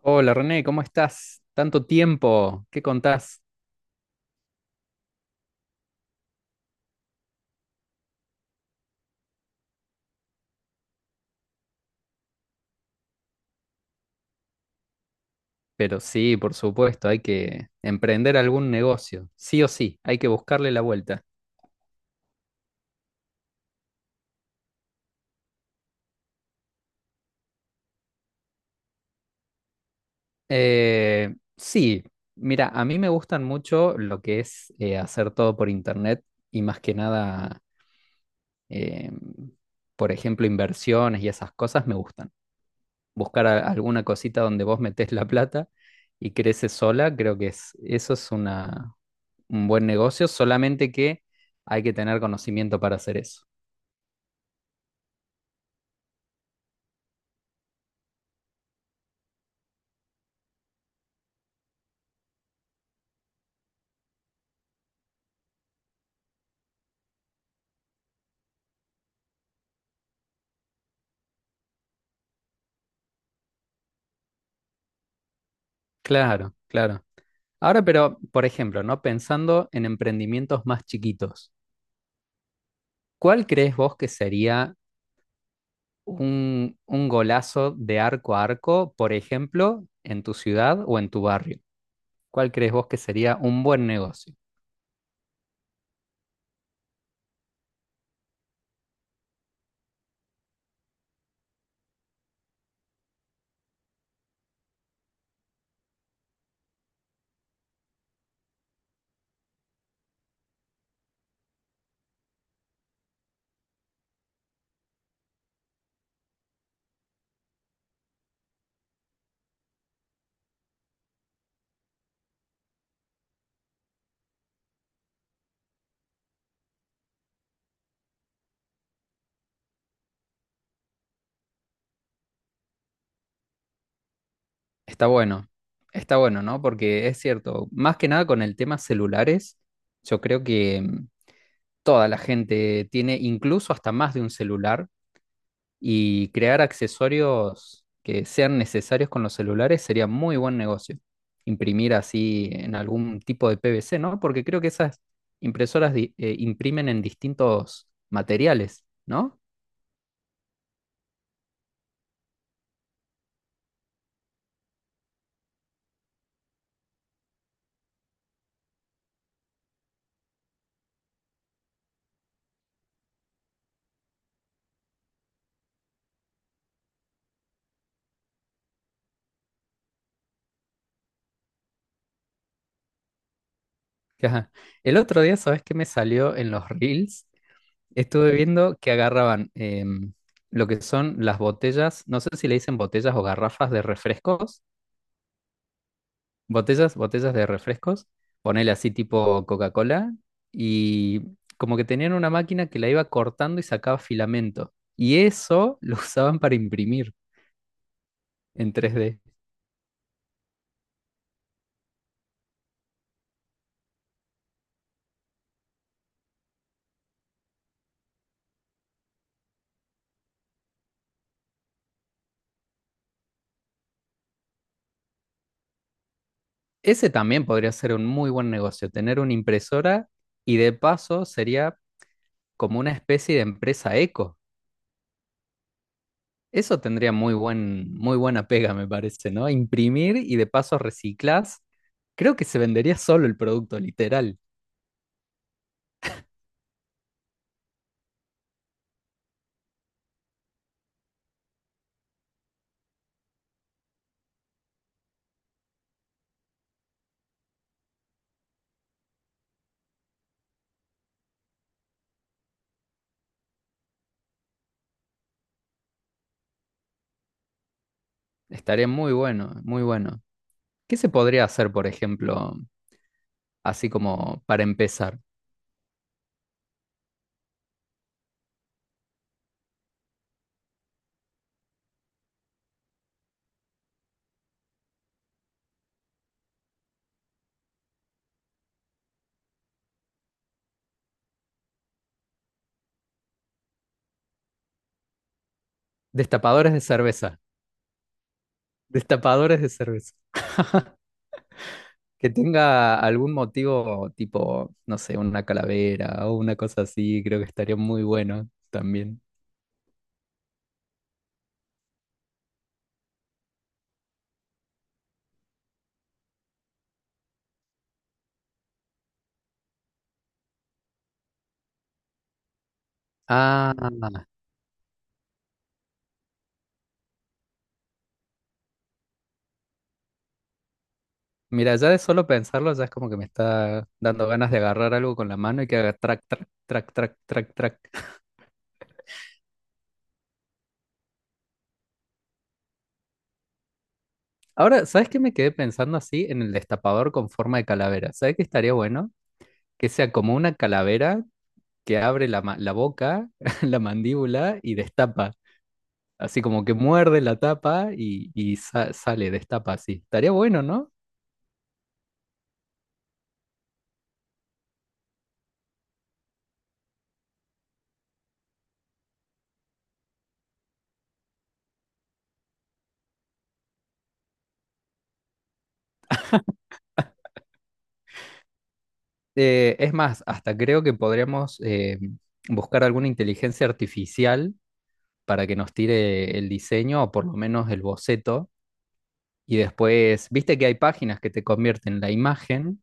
Hola René, ¿cómo estás? Tanto tiempo, ¿qué contás? Pero sí, por supuesto, hay que emprender algún negocio, sí o sí, hay que buscarle la vuelta. Sí, mira, a mí me gustan mucho lo que es hacer todo por internet y más que nada, eh, por ejemplo, inversiones y esas cosas me gustan. Buscar alguna cosita donde vos metés la plata y crece sola, creo que es, eso es una, un buen negocio, solamente que hay que tener conocimiento para hacer eso. Claro, claro. Ahora, pero, por ejemplo, ¿no? Pensando en emprendimientos más chiquitos, ¿cuál crees vos que sería un golazo de arco a arco, por ejemplo, en tu ciudad o en tu barrio? ¿Cuál crees vos que sería un buen negocio? Está bueno, está bueno, ¿no? Porque es cierto, más que nada con el tema celulares, yo creo que toda la gente tiene incluso hasta más de un celular y crear accesorios que sean necesarios con los celulares sería muy buen negocio. Imprimir así en algún tipo de PVC, ¿no? Porque creo que esas impresoras imprimen en distintos materiales, ¿no? Ajá. El otro día, ¿sabes qué me salió en los reels? Estuve viendo que agarraban lo que son las botellas, no sé si le dicen botellas o garrafas de refrescos botellas de refrescos, ponele así tipo Coca-Cola, y como que tenían una máquina que la iba cortando y sacaba filamento. Y eso lo usaban para imprimir en 3D. Ese también podría ser un muy buen negocio, tener una impresora y de paso sería como una especie de empresa eco. Eso tendría muy buen, muy buena pega, me parece, ¿no? Imprimir y de paso reciclás. Creo que se vendería solo el producto, literal. Estaría muy bueno, muy bueno. ¿Qué se podría hacer, por ejemplo, así como para empezar? Destapadores de cerveza. Destapadores de cerveza. Que tenga algún motivo tipo, no sé, una calavera o una cosa así, creo que estaría muy bueno también. Ah, mira, ya de solo pensarlo ya es como que me está dando ganas de agarrar algo con la mano y que haga track, track, track, track, track, track. Ahora, ¿sabes qué me quedé pensando así en el destapador con forma de calavera? ¿Sabes qué estaría bueno? Que sea como una calavera que abre la, la boca, la mandíbula y destapa. Así como que muerde la tapa y sale, destapa así. Estaría bueno, ¿no? Es más, hasta creo que podríamos buscar alguna inteligencia artificial para que nos tire el diseño o por lo menos el boceto. Y después, viste que hay páginas que te convierten la imagen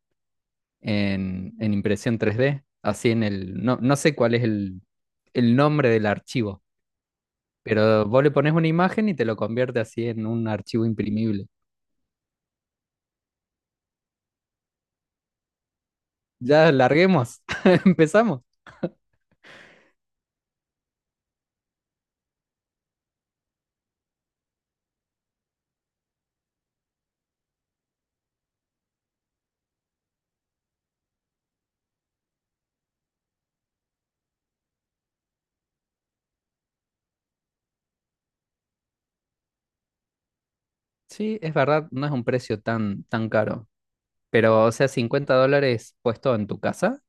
en impresión 3D, así en el, no, no sé cuál es el nombre del archivo. Pero vos le pones una imagen y te lo convierte así en un archivo imprimible. Ya larguemos, empezamos. Sí, es verdad, no es un precio tan, tan caro. Pero, o sea, $50 puesto en tu casa.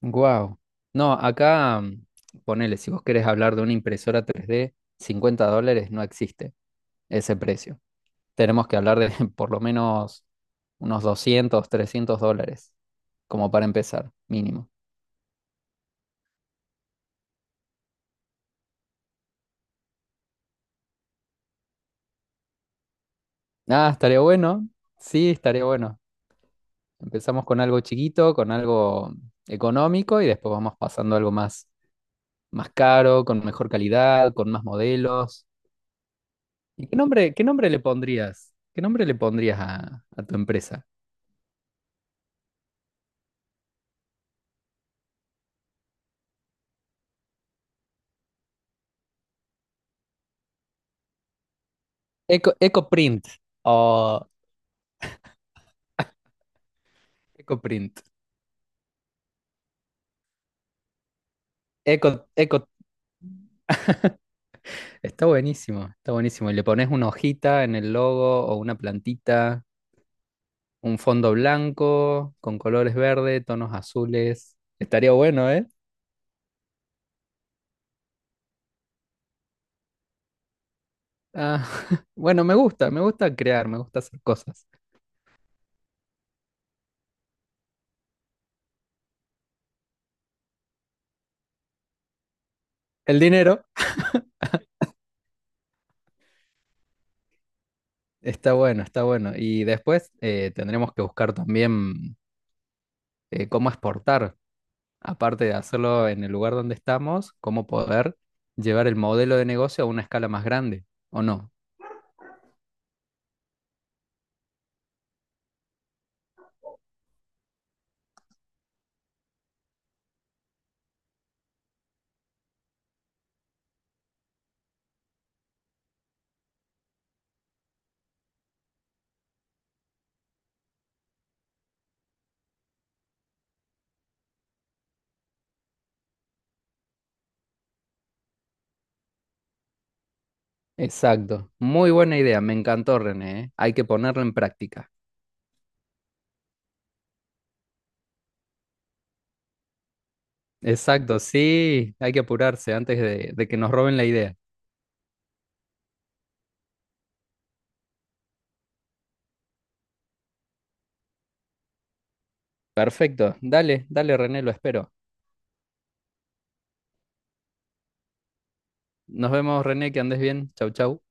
Wow. No, acá, ponele, si vos querés hablar de una impresora 3D, $50 no existe ese precio. Tenemos que hablar de por lo menos unos $200 $300, como para empezar, mínimo. Ah, estaría bueno. Sí, estaría bueno. Empezamos con algo chiquito, con algo económico y después vamos pasando a algo más, más caro, con mejor calidad, con más modelos. ¿Y qué nombre le pondrías? ¿Qué nombre le pondrías a tu empresa? Eco, EcoPrint o EcoPrint. Eco, Eco, está buenísimo, está buenísimo. Y le pones una hojita en el logo o una plantita, un fondo blanco con colores verde, tonos azules. Estaría bueno, ¿eh? Ah, bueno, me gusta crear, me gusta hacer cosas. El dinero está bueno, está bueno. Y después tendremos que buscar también cómo exportar, aparte de hacerlo en el lugar donde estamos, cómo poder llevar el modelo de negocio a una escala más grande, ¿o no? Exacto, muy buena idea, me encantó René, ¿eh? Hay que ponerla en práctica. Exacto, sí, hay que apurarse antes de que nos roben la idea. Perfecto, dale, dale René, lo espero. Nos vemos René, que andes bien, chau chau.